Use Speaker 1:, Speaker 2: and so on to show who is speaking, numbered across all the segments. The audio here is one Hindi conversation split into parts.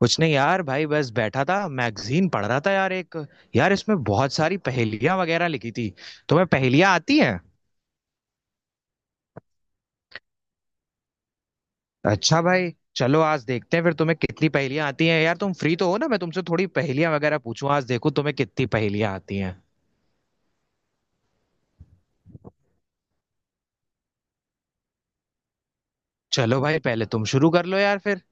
Speaker 1: कुछ नहीं यार भाई बस बैठा था मैगजीन पढ़ रहा था यार एक। यार इसमें बहुत सारी पहेलियां वगैरह लिखी थी। तुम्हें पहेलियां आती हैं। अच्छा भाई चलो आज देखते हैं फिर तुम्हें कितनी पहेलियां आती हैं यार। तुम फ्री तो हो ना, मैं तुमसे थोड़ी पहेलियां वगैरह पूछूं, आज देखो तुम्हें कितनी पहेलियां आती हैं। चलो भाई पहले तुम शुरू कर लो यार फिर।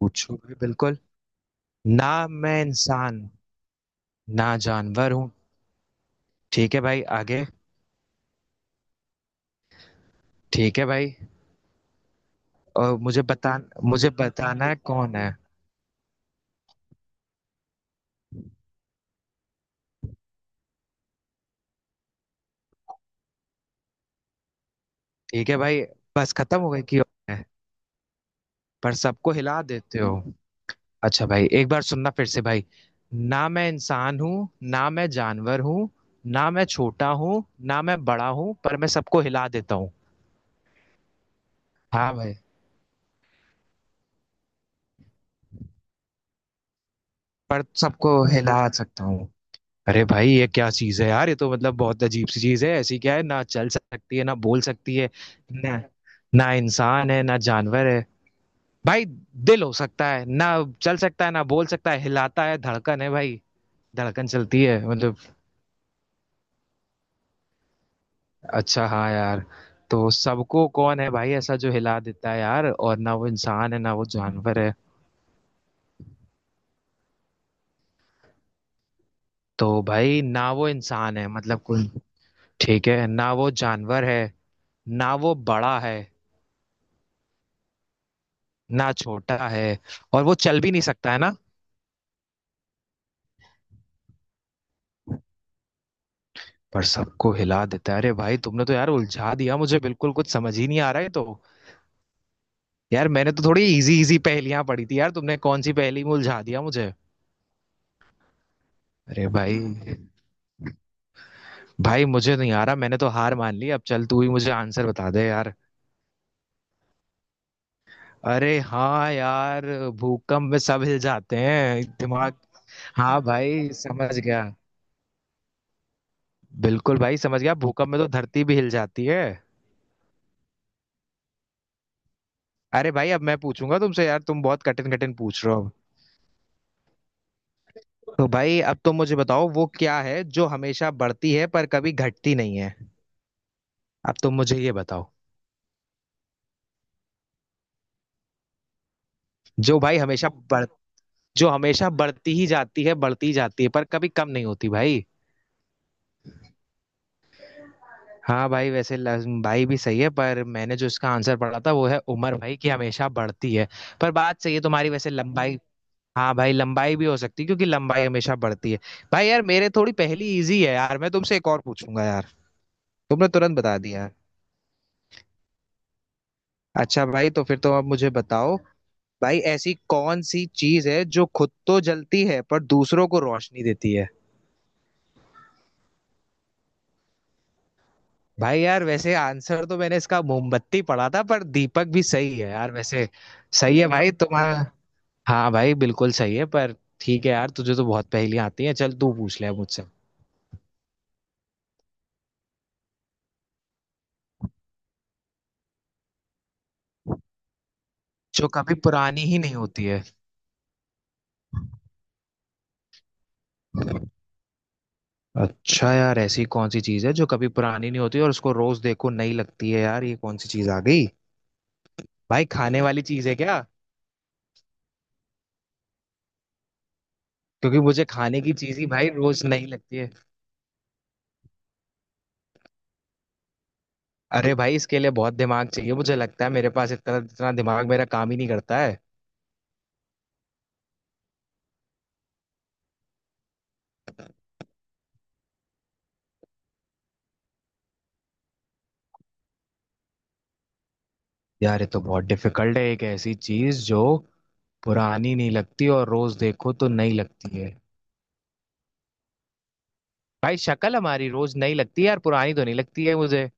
Speaker 1: पूछो भाई बिल्कुल। ना मैं इंसान ना जानवर हूँ। ठीक है भाई, आगे। ठीक है भाई। और मुझे बता, मुझे बताना है कौन है। ठीक है भाई, बस खत्म हो गई कि पर सबको हिला देते हो। अच्छा भाई एक बार सुनना फिर से भाई। ना मैं इंसान हूँ, ना मैं जानवर हूँ, ना मैं छोटा हूँ ना मैं बड़ा हूँ, पर मैं सबको हिला देता हूँ। हाँ भाई, पर सबको हिला सकता हूँ। अरे भाई ये क्या चीज है यार, ये तो मतलब बहुत अजीब सी चीज है, ऐसी क्या है ना चल सकती है ना बोल सकती है। ना, ना इंसान है ना जानवर है। भाई दिल हो सकता है ना? चल सकता है ना बोल सकता है, हिलाता है, धड़कन है भाई। धड़कन चलती है मतलब। अच्छा हाँ यार। तो सबको कौन है भाई ऐसा जो हिला देता है यार, और ना वो इंसान है ना वो जानवर है। तो भाई ना वो इंसान है मतलब कोई। ठीक है, ना वो जानवर है, ना वो बड़ा है, ना छोटा है, और वो चल भी नहीं सकता है ना। पर सबको हिला देता है। अरे भाई तुमने तो यार उलझा दिया मुझे, बिल्कुल कुछ समझ ही नहीं आ रहा है तो। यार मैंने तो थोड़ी इजी इजी पहेलियां पढ़ी थी यार, तुमने कौन सी पहेली में उलझा दिया मुझे। अरे भाई, भाई मुझे नहीं आ रहा, मैंने तो हार मान ली, अब चल तू ही मुझे आंसर बता दे यार। अरे हाँ यार, भूकंप में सब हिल जाते हैं, दिमाग। हाँ भाई समझ गया। बिल्कुल भाई समझ गया, भूकंप में तो धरती भी हिल जाती है। अरे भाई अब मैं पूछूंगा तुमसे यार, तुम बहुत कठिन कठिन पूछ रहे हो। तो भाई अब तुम मुझे बताओ, वो क्या है जो हमेशा बढ़ती है पर कभी घटती नहीं है। अब तुम मुझे ये बताओ। जो भाई हमेशा बढ़ जो हमेशा बढ़ती ही जाती है, बढ़ती ही जाती है, पर कभी कम नहीं होती भाई। हाँ भाई वैसे भाई भी सही है, पर मैंने जो इसका आंसर पढ़ा था वो है उम्र भाई, की हमेशा बढ़ती है। पर बात सही है तुम्हारी वैसे, लंबाई। हाँ भाई लंबाई भी हो सकती है क्योंकि लंबाई हमेशा बढ़ती है। भाई यार मेरे थोड़ी पहली इजी है यार, मैं तुमसे एक और पूछूंगा यार। तुमने तुरंत बता दिया यार। अच्छा भाई तो फिर तुम अब मुझे बताओ, भाई ऐसी कौन सी चीज है जो खुद तो जलती है पर दूसरों को रोशनी देती है। भाई यार वैसे आंसर तो मैंने इसका मोमबत्ती पढ़ा था, पर दीपक भी सही है यार वैसे। सही है भाई तुम्हारा। हाँ भाई बिल्कुल सही है पर। ठीक है यार, तुझे तो बहुत पहेलियां आती हैं, चल तू पूछ ले अब मुझसे। जो कभी पुरानी ही नहीं होती है। अच्छा यार ऐसी कौन सी चीज है जो कभी पुरानी नहीं होती और उसको रोज देखो नई लगती है यार, ये कौन सी चीज आ गई। भाई खाने वाली चीज है क्या? क्योंकि मुझे खाने की चीज ही भाई रोज नई लगती है। अरे भाई इसके लिए बहुत दिमाग चाहिए, मुझे लगता है मेरे पास इतना इतना दिमाग मेरा काम ही नहीं करता है। यार ये तो बहुत डिफिकल्ट है, एक ऐसी चीज जो पुरानी नहीं लगती और रोज देखो तो नई लगती है। भाई शक्ल हमारी रोज नई लगती है यार, पुरानी तो नहीं लगती है मुझे।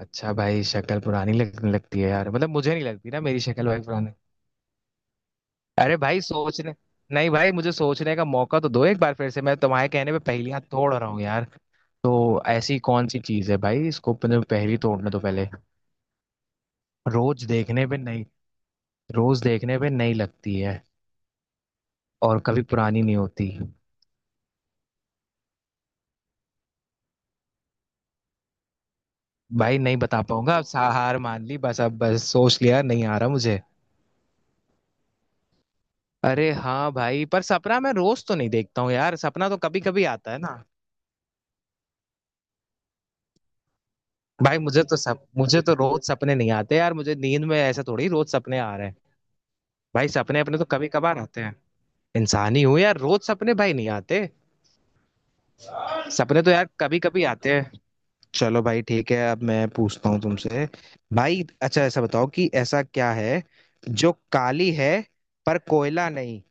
Speaker 1: अच्छा भाई शक्ल पुरानी लगने लगती है यार, मतलब मुझे नहीं लगती ना मेरी शक्ल भाई पुरानी। अरे भाई सोचने, नहीं भाई मुझे सोचने का मौका तो दो, एक बार फिर से मैं तुम्हारे कहने पे पहेलियां तोड़ रहा हूँ यार। तो ऐसी कौन सी चीज है भाई, इसको पहले पहेली तोड़ने तो पहले। रोज देखने पे नहीं रोज देखने पे नहीं लगती है, और कभी पुरानी नहीं होती। भाई नहीं बता पाऊंगा, अब हार मान ली, बस अब बस सोच लिया नहीं आ रहा मुझे। अरे हाँ भाई, पर सपना मैं रोज तो नहीं देखता हूँ यार, सपना तो कभी कभी आता है ना। भाई मुझे तो रोज सपने नहीं आते यार, मुझे नींद में ऐसा थोड़ी रोज सपने आ रहे हैं। भाई सपने अपने तो कभी कभार आते हैं। इंसान ही हूँ यार, रोज सपने भाई नहीं आते। सपने तो यार कभी कभी आते हैं। चलो भाई ठीक है, अब मैं पूछता हूँ तुमसे। भाई अच्छा ऐसा बताओ, कि ऐसा क्या है जो काली है पर कोयला नहीं,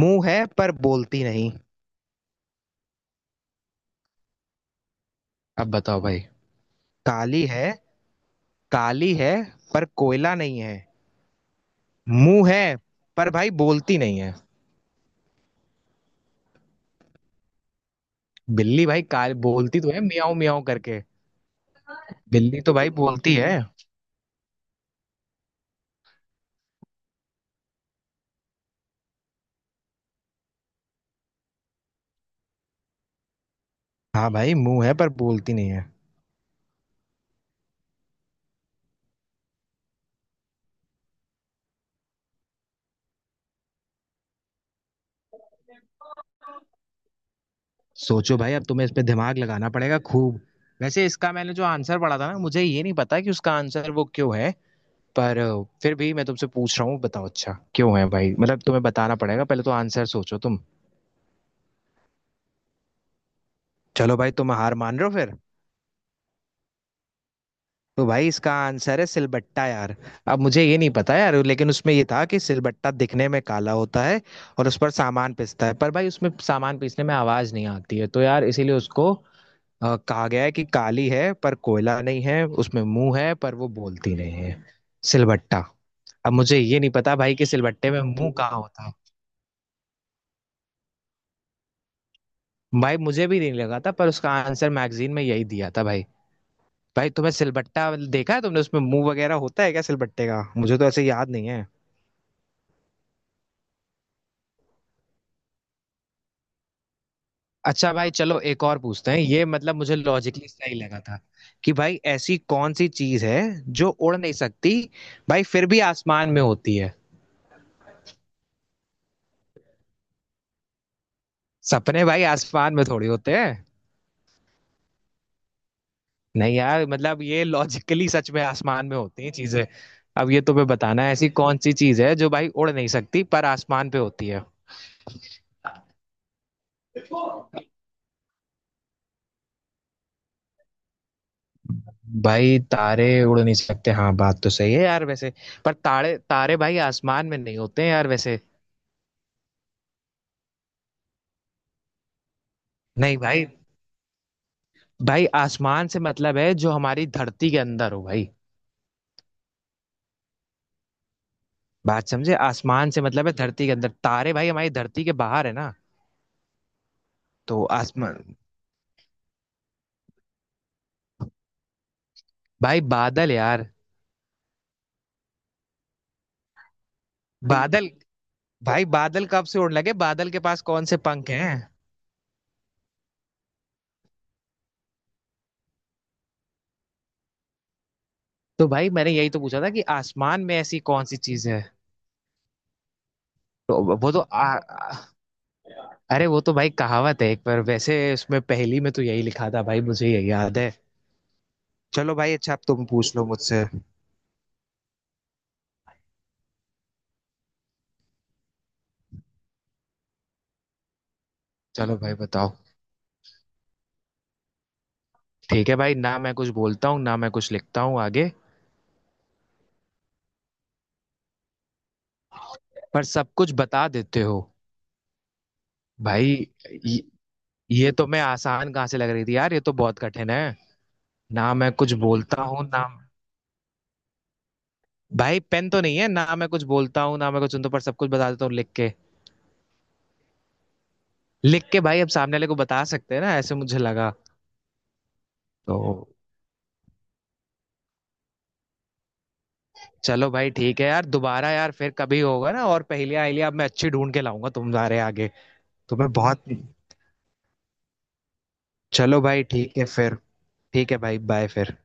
Speaker 1: मुंह है पर बोलती नहीं। अब बताओ भाई। काली है काली है पर कोयला नहीं है, मुंह है पर भाई बोलती नहीं है। बिल्ली भाई काल बोलती तो है मियाऊ मियाऊ करके। बिल्ली तो भाई बोलती है। हाँ भाई मुंह है पर बोलती नहीं है। सोचो भाई, अब तुम्हें इस पे दिमाग लगाना पड़ेगा खूब। वैसे इसका मैंने जो आंसर पढ़ा था ना, मुझे ये नहीं पता कि उसका आंसर वो क्यों है, पर फिर भी मैं तुमसे पूछ रहा हूँ, बताओ अच्छा क्यों है भाई, मतलब तुम्हें बताना पड़ेगा, पहले तो आंसर सोचो तुम। चलो भाई, तुम हार मान रहे हो फिर। तो भाई इसका आंसर है सिलबट्टा यार। अब मुझे ये नहीं पता यार, लेकिन उसमें ये था कि सिलबट्टा दिखने में काला होता है, और उस पर सामान पिसता है, पर भाई उसमें सामान पीसने में आवाज नहीं आती है, तो यार इसीलिए उसको कहा गया है कि काली है पर कोयला नहीं है, उसमें मुंह है पर वो बोलती नहीं है। सिलबट्टा। अब मुझे ये नहीं पता भाई कि सिलबट्टे में मुंह कहाँ होता है। भाई मुझे भी नहीं लगा था, पर उसका आंसर मैगजीन में यही दिया था भाई। भाई तुम्हें सिलबट्टा देखा है तुमने, उसमें मुंह वगैरह होता है क्या सिलबट्टे का, मुझे तो ऐसे याद नहीं है। अच्छा भाई चलो एक और पूछते हैं, ये मतलब मुझे लॉजिकली सही लगा था। कि भाई ऐसी कौन सी चीज है जो उड़ नहीं सकती, भाई फिर भी आसमान में होती है। सपने भाई आसमान में थोड़ी होते हैं। नहीं यार मतलब ये लॉजिकली सच में आसमान में होती हैं चीजें। अब ये तुम्हें बताना है, ऐसी कौन सी चीज है जो भाई उड़ नहीं सकती पर आसमान पे होती है। भाई तारे उड़ नहीं सकते हाँ, बात तो सही है यार वैसे। पर तारे तारे भाई आसमान में नहीं होते हैं यार वैसे। नहीं भाई, भाई आसमान से मतलब है जो हमारी धरती के अंदर हो भाई, बात समझे, आसमान से मतलब है धरती के अंदर, तारे भाई हमारी धरती के बाहर है ना। तो आसमान, भाई बादल यार। बादल, भाई बादल कब से उड़ने लगे, बादल के पास कौन से पंख हैं। तो भाई मैंने यही तो पूछा था कि आसमान में ऐसी कौन सी चीज है। तो वो तो आ, आ- अरे वो तो भाई कहावत है एक, पर वैसे उसमें पहेली में तो यही लिखा था भाई, मुझे यही याद है। चलो भाई अच्छा अब तुम पूछ लो मुझसे। चलो भाई बताओ। ठीक है भाई, ना मैं कुछ बोलता हूँ ना मैं कुछ लिखता हूँ, आगे। पर सब कुछ बता देते हो। भाई ये, ये तो मैं आसान कहाँ से लग रही थी यार, ये तो बहुत कठिन है। ना मैं कुछ बोलता हूँ ना, भाई पेन तो नहीं है ना मैं कुछ बोलता हूँ ना मैं कुछ सुनता हूँ, पर सब कुछ बता देता हूँ लिख के। लिख के भाई अब सामने वाले को बता सकते हैं ना, ऐसे मुझे लगा। तो चलो भाई ठीक है यार, दोबारा यार फिर कभी होगा ना, और पहेलियां अहेलियां अब मैं अच्छी ढूंढ के लाऊंगा तुम्हारे आगे। तुम्हें बहुत। चलो भाई ठीक है फिर। ठीक है भाई, बाय फिर।